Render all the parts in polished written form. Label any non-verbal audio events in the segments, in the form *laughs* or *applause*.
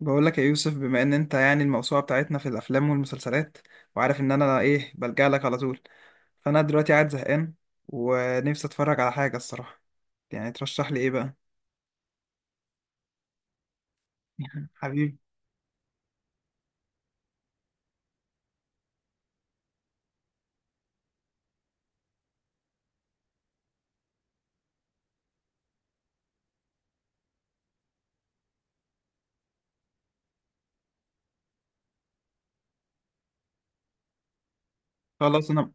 بقول لك يا يوسف، بما ان انت يعني الموسوعه بتاعتنا في الافلام والمسلسلات، وعارف ان انا ايه بلجأ لك على طول. فانا دلوقتي قاعد زهقان ونفسي اتفرج على حاجه الصراحه، يعني ترشح لي ايه بقى؟ *laughs* حبيبي. خلاص، انا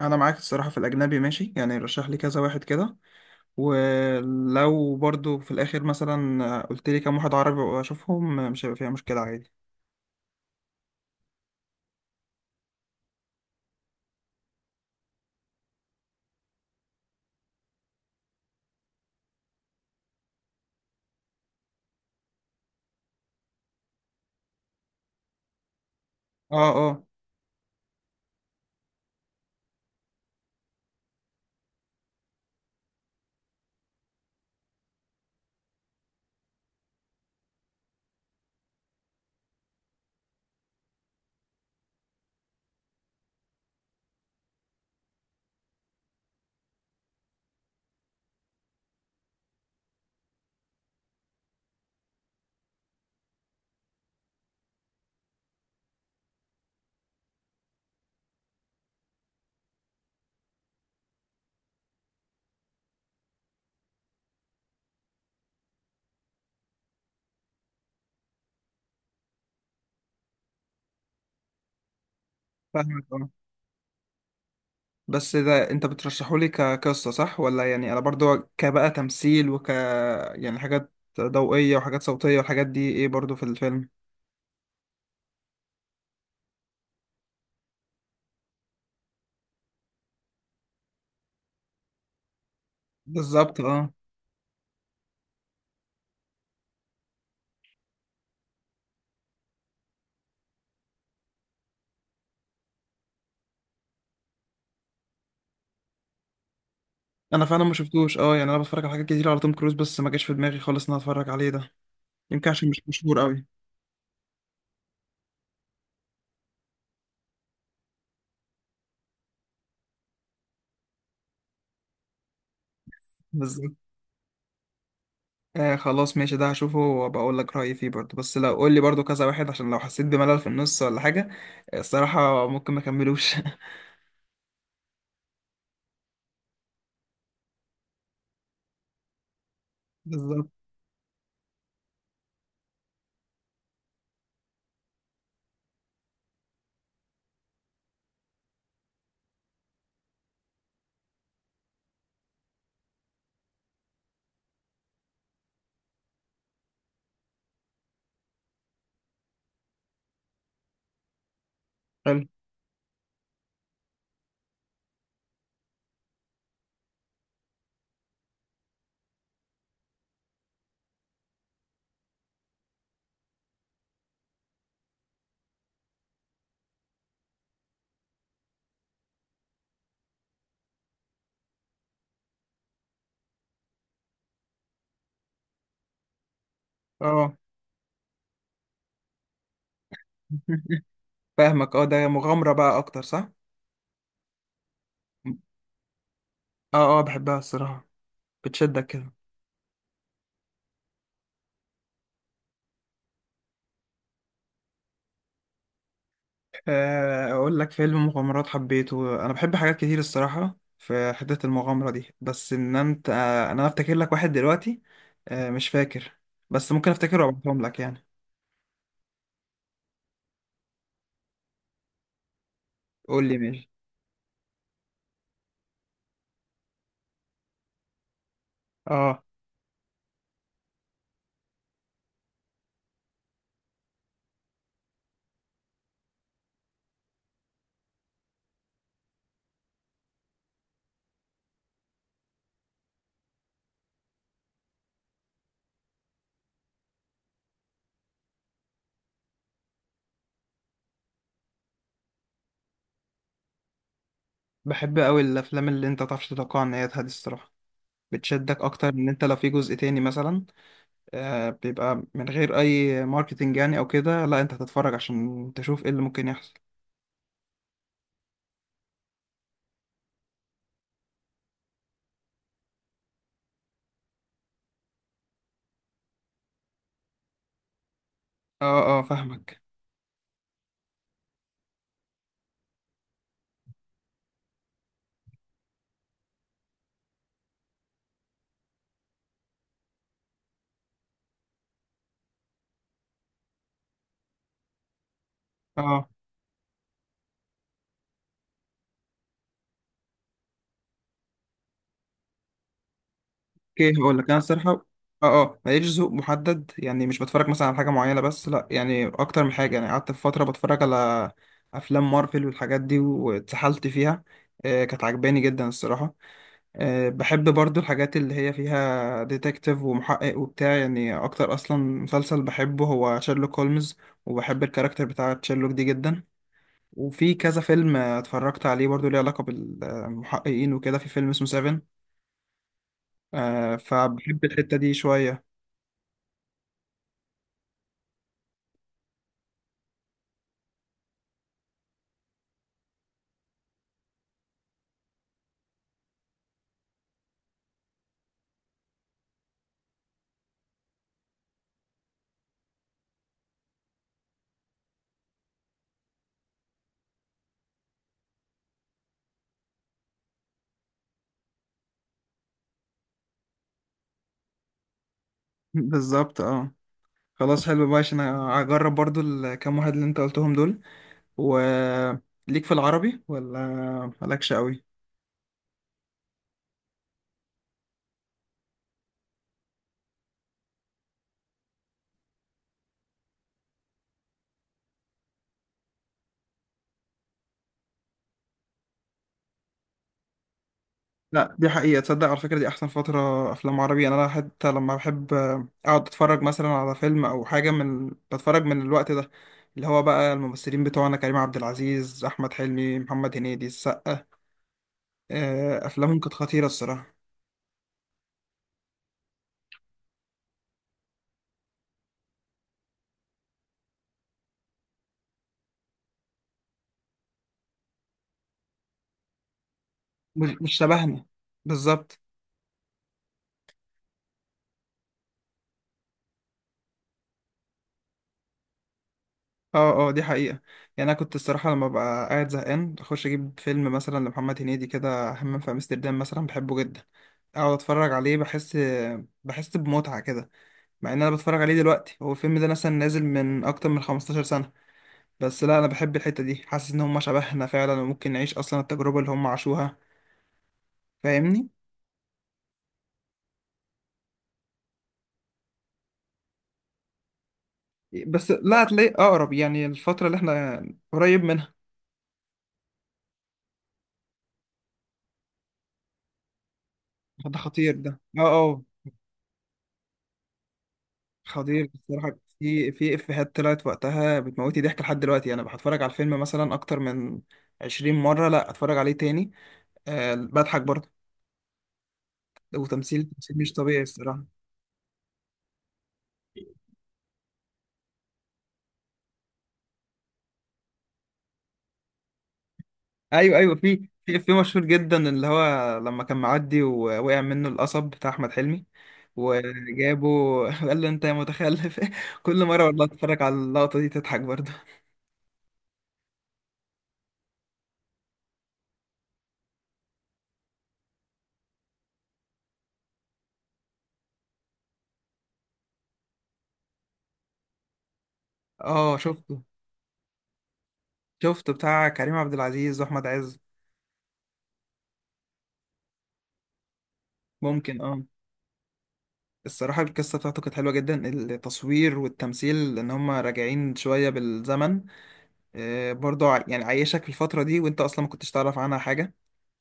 انا معاك الصراحه في الاجنبي، ماشي، يعني رشح لي كذا واحد كده. ولو برضو في الاخر مثلا قلت لي كام واحد عربي واشوفهم مش هيبقى فيها مشكله، عادي. اه، اه، فاهمك، اه. بس ده انت بترشحولي كقصة، صح ولا يعني انا برضو كبقى تمثيل يعني حاجات ضوئية وحاجات صوتية والحاجات دي، ايه برضو في الفيلم؟ بالظبط، اه. انا فعلا ما شفتوش، اه، يعني انا بتفرج على حاجات كتير على توم كروز، بس ما جاش في دماغي خالص ان انا اتفرج عليه ده. يمكن عشان مش مشهور قوي. بالظبط. آه، خلاص، ماشي، ده هشوفه وبقول لك رأيي فيه برضو، بس لو قول لي برضو كذا واحد عشان لو حسيت بملل في النص ولا حاجة، الصراحة ممكن ما اكملوش. *laughs* بالظبط. حلو. اه. *laughs* فاهمك، اه، ده مغامرة بقى اكتر، صح؟ اه، اه، بحبها الصراحة، بتشدك كده. اقول لك فيلم مغامرات حبيته، انا بحب حاجات كتير الصراحة في حتة المغامرة دي، بس ان انت، انا افتكر لك واحد دلوقتي. مش فاكر، بس ممكن افتكره وابعتهم لك يعني. قول لي، ماشي. اه، بحب قوي الافلام اللي انت متعرفش تتوقع نهايتها دي الصراحة، بتشدك اكتر ان انت لو في جزء تاني مثلا، بيبقى من غير اي ماركتينج يعني او كده، لا، انت هتتفرج عشان تشوف ايه اللي ممكن يحصل. اه، اه، فاهمك، اه. اوكي، هقول لك انا الصراحه. اه، اه، ماليش ذوق محدد يعني، مش بتفرج مثلا على حاجه معينه بس، لا يعني اكتر من حاجه، يعني قعدت في فتره بتفرج على افلام مارفل والحاجات دي واتسحلت فيها. آه، كانت عجباني جدا الصراحه. آه، بحب برضو الحاجات اللي هي فيها ديتكتيف ومحقق وبتاع، يعني اكتر اصلا مسلسل بحبه هو شيرلوك هولمز، وبحب الكاركتر بتاع شيرلوك دي جدا. وفي كذا فيلم اتفرجت عليه برضو ليه علاقه بالمحققين وكده، في فيلم اسمه سيفن، آه، فبحب الحتة دي شوية. بالظبط، اه. خلاص، حلو بقى، عشان هجرب برضو الكام واحد اللي انت قلتهم دول. وليك في العربي ولا مالكش قوي؟ لا، دي حقيقة، تصدق على فكرة دي أحسن فترة أفلام عربي، أنا حتى لما بحب أقعد أتفرج مثلا على فيلم أو حاجة من بتفرج من الوقت ده، اللي هو بقى الممثلين بتوعنا كريم عبد العزيز، أحمد حلمي، محمد هنيدي، السقا. آه، أفلامهم كانت خطيرة الصراحة. مش شبهنا. بالظبط. اه، اه، دي حقيقة. يعني انا كنت الصراحة لما ببقى قاعد زهقان اخش اجيب فيلم مثلا لمحمد هنيدي كده، همام في امستردام مثلا بحبه جدا، اقعد اتفرج عليه، بحس، بحس بمتعة كده. مع ان انا بتفرج عليه دلوقتي، هو الفيلم ده مثلا نازل من اكتر من 15 سنة، بس لا، انا بحب الحتة دي، حاسس ان هم شبهنا فعلا وممكن نعيش اصلا التجربة اللي هم عاشوها، فاهمني؟ بس لا، هتلاقي اقرب يعني، الفترة اللي احنا قريب منها. ده خطير ده، اه، اه. حضير بصراحة، في إفيهات طلعت وقتها بتموتني ضحك لحد دلوقتي، أنا بتفرج على الفيلم مثلا أكتر من 20 مرة، لأ أتفرج عليه تاني، أه، بضحك برضه. وتمثيل، تمثيل مش طبيعي الصراحة. أيوه، أيوه، في إفيه مشهور جدا اللي هو لما كان معدي ووقع منه القصب بتاع أحمد حلمي وجابه، *laughs* قال له أنت يا متخلف. *laughs* كل مرة والله أتفرج على اللقطة دي تضحك برضه. أه، شفته، شفته بتاع كريم عبد العزيز وأحمد عز. ممكن، أه. الصراحة القصة بتاعته كانت حلوة جدا، التصوير والتمثيل ان هما راجعين شوية بالزمن، آه، برضه يعني عايشك في الفترة دي، وانت اصلا ما كنتش تعرف عنها حاجة.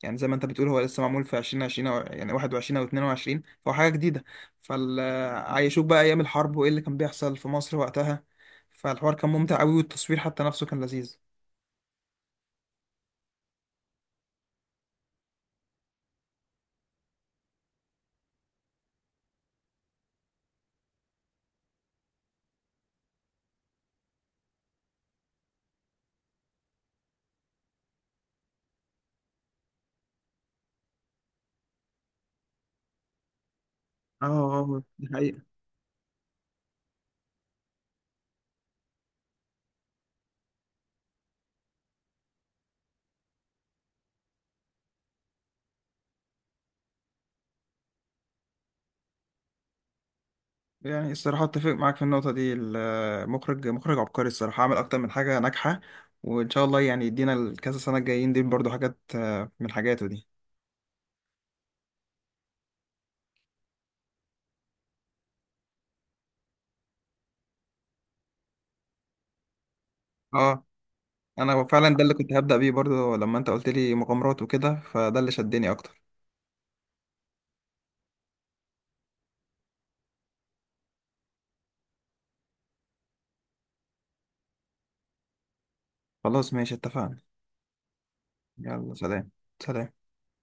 يعني زي ما انت بتقول، هو لسه معمول في 2020 او يعني 2021 او 2022، فهو حاجة جديدة. فعايشوك بقى ايام الحرب وايه اللي كان بيحصل في مصر وقتها، فالحوار كان ممتع قوي، والتصوير حتى نفسه كان لذيذ. اه، اه، دي حقيقة. يعني الصراحة اتفق معاك في النقطة دي، المخرج مخرج عبقري الصراحة، عمل أكتر من حاجة ناجحة، وإن شاء الله يعني يدينا الكذا سنة الجايين دي برضو حاجات، آه، من حاجاته دي. اه، أنا فعلا ده اللي كنت هبدأ بيه برضو لما أنت قلت لي مغامرات وكده، فده اللي شدني أكتر. خلاص، ماشي، اتفقنا. يلا سلام. سلام.